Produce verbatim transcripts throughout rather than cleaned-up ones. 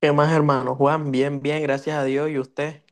¿Qué más, hermano? Juan, bien, bien, gracias a Dios. ¿Y usted?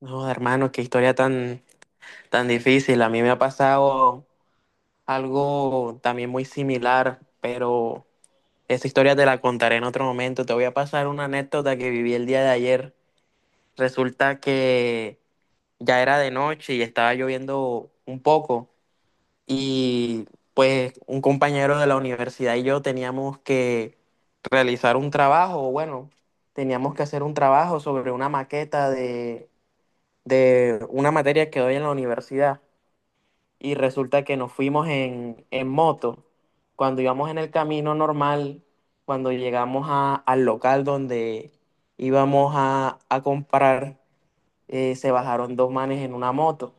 No, hermano, qué historia tan, tan difícil. A mí me ha pasado algo también muy similar, pero esa historia te la contaré en otro momento. Te voy a pasar una anécdota que viví el día de ayer. Resulta que ya era de noche y estaba lloviendo un poco y pues un compañero de la universidad y yo teníamos que realizar un trabajo, o bueno, teníamos que hacer un trabajo sobre una maqueta de, de una materia que doy en la universidad y resulta que nos fuimos en, en moto. Cuando íbamos en el camino normal, cuando llegamos a- al local donde íbamos a a comprar eh, se bajaron dos manes en una moto.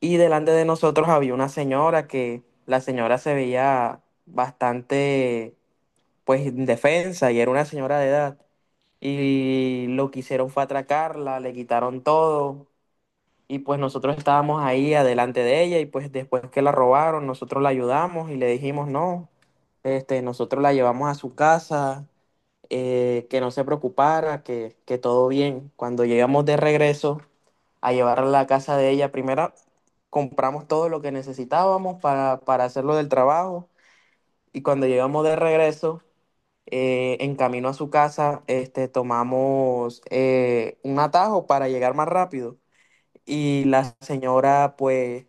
Y delante de nosotros había una señora que la señora se veía bastante, pues, indefensa y era una señora de edad. Y lo que hicieron fue atracarla, le quitaron todo. Y pues nosotros estábamos ahí adelante de ella y pues después que la robaron, nosotros la ayudamos y le dijimos, no, este, nosotros la llevamos a su casa, eh, que no se preocupara, que, que todo bien. Cuando llegamos de regreso, a llevarla a la casa de ella. Primero compramos todo lo que necesitábamos para, para hacerlo del trabajo y cuando llegamos de regreso, eh, en camino a su casa, este, tomamos eh, un atajo para llegar más rápido y la señora pues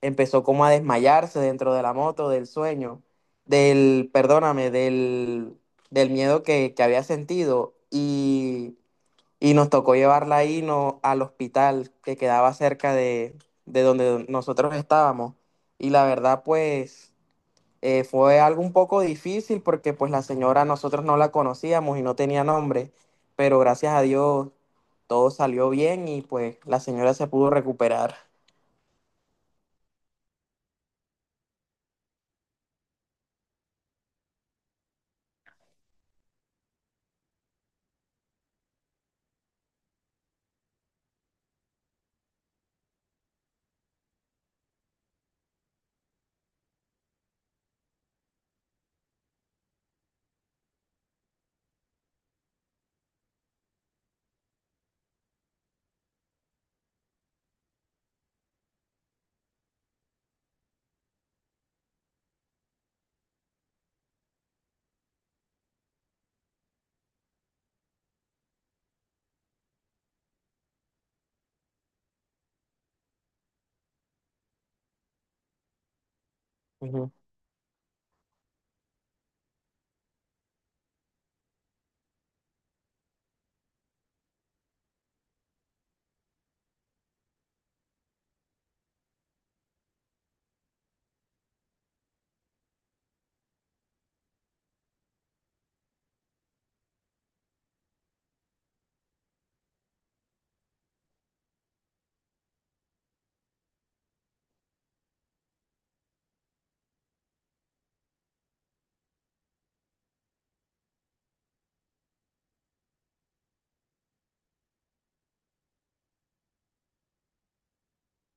empezó como a desmayarse dentro de la moto, del sueño, del, perdóname, del, del miedo que, que había sentido y y nos tocó llevarla ahí no, al hospital que quedaba cerca de, de donde nosotros estábamos. Y la verdad, pues, eh, fue algo un poco difícil porque pues la señora nosotros no la conocíamos y no tenía nombre, pero gracias a Dios todo salió bien y pues la señora se pudo recuperar. Ujú.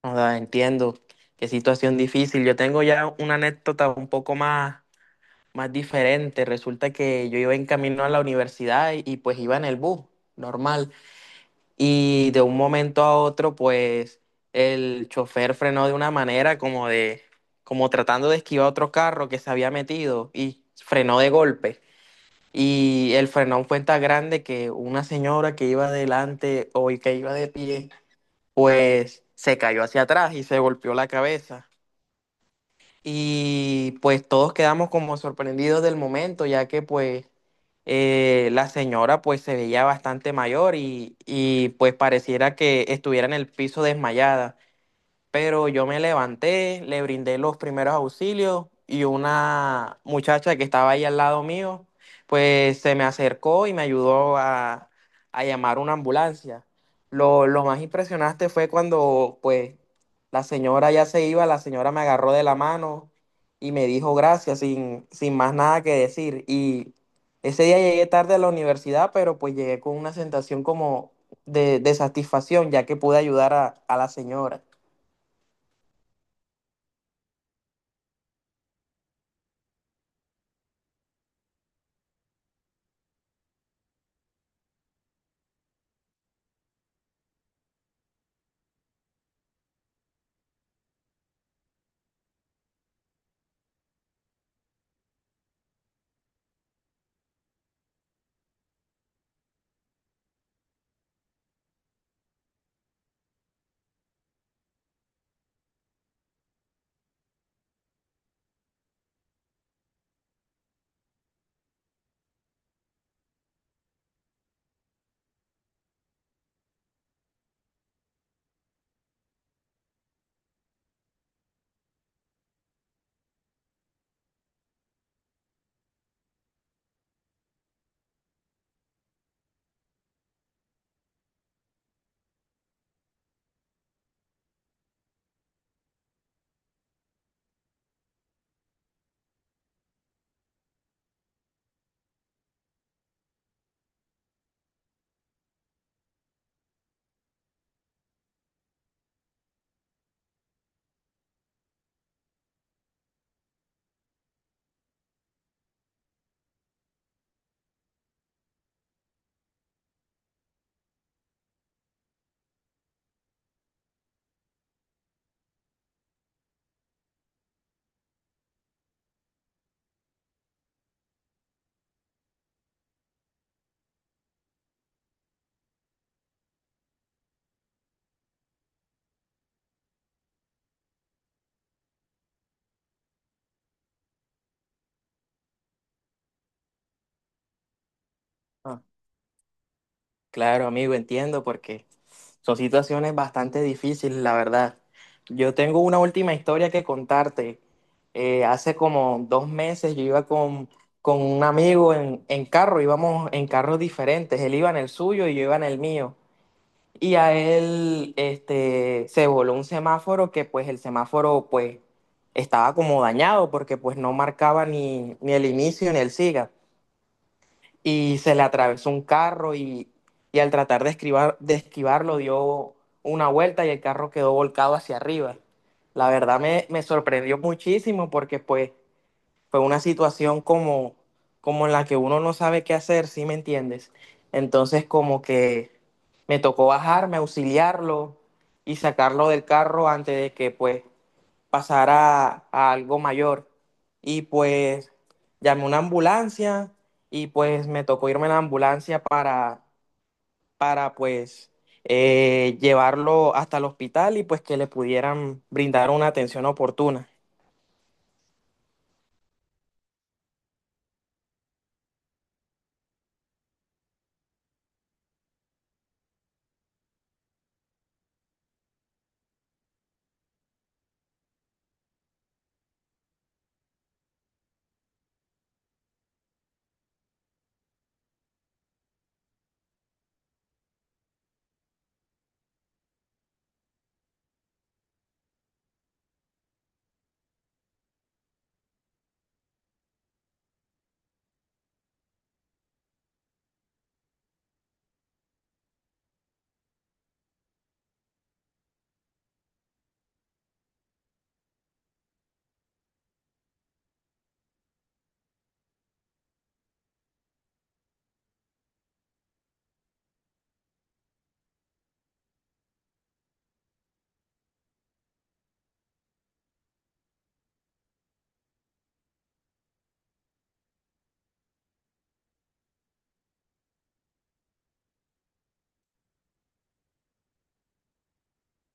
O entiendo qué situación difícil. Yo tengo ya una anécdota un poco más, más diferente. Resulta que yo iba en camino a la universidad y, y, pues iba en el bus, normal. Y de un momento a otro, pues el chofer frenó de una manera como de, como tratando de esquivar otro carro que se había metido y frenó de golpe. Y el frenón fue tan grande que una señora que iba adelante o que iba de pie, pues se cayó hacia atrás y se golpeó la cabeza. Y pues todos quedamos como sorprendidos del momento, ya que pues eh, la señora pues se veía bastante mayor y, y pues pareciera que estuviera en el piso desmayada, pero yo me levanté, le brindé los primeros auxilios y una muchacha que estaba ahí al lado mío, pues se me acercó y me ayudó a, a llamar una ambulancia. Lo, lo más impresionante fue cuando pues la señora ya se iba, la señora me agarró de la mano y me dijo gracias sin, sin más nada que decir. Y ese día llegué tarde a la universidad, pero pues llegué con una sensación como de, de satisfacción, ya que pude ayudar a a la señora. Claro, amigo, entiendo porque son situaciones bastante difíciles, la verdad. Yo tengo una última historia que contarte. Eh, hace como dos meses yo iba con, con un amigo en, en carro, íbamos en carros diferentes. Él iba en el suyo y yo iba en el mío. Y a él este, se voló un semáforo que pues el semáforo pues estaba como dañado porque pues no marcaba ni, ni el inicio ni el siga y se le atravesó un carro y, y al tratar de, esquivar- de esquivarlo dio una vuelta y el carro quedó volcado hacia arriba. La verdad me, me sorprendió muchísimo porque pues fue una situación como, como en la que uno no sabe qué hacer, ¿sí me entiendes? Entonces como que me tocó bajarme, auxiliarlo y sacarlo del carro antes de que pues pasar a, a algo mayor. Y pues llamé una ambulancia y pues me tocó irme en la ambulancia para, para pues eh, llevarlo hasta el hospital y pues que le pudieran brindar una atención oportuna.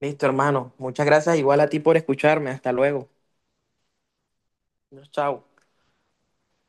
Listo, hermano. Muchas gracias igual a ti por escucharme. Hasta luego. Chao.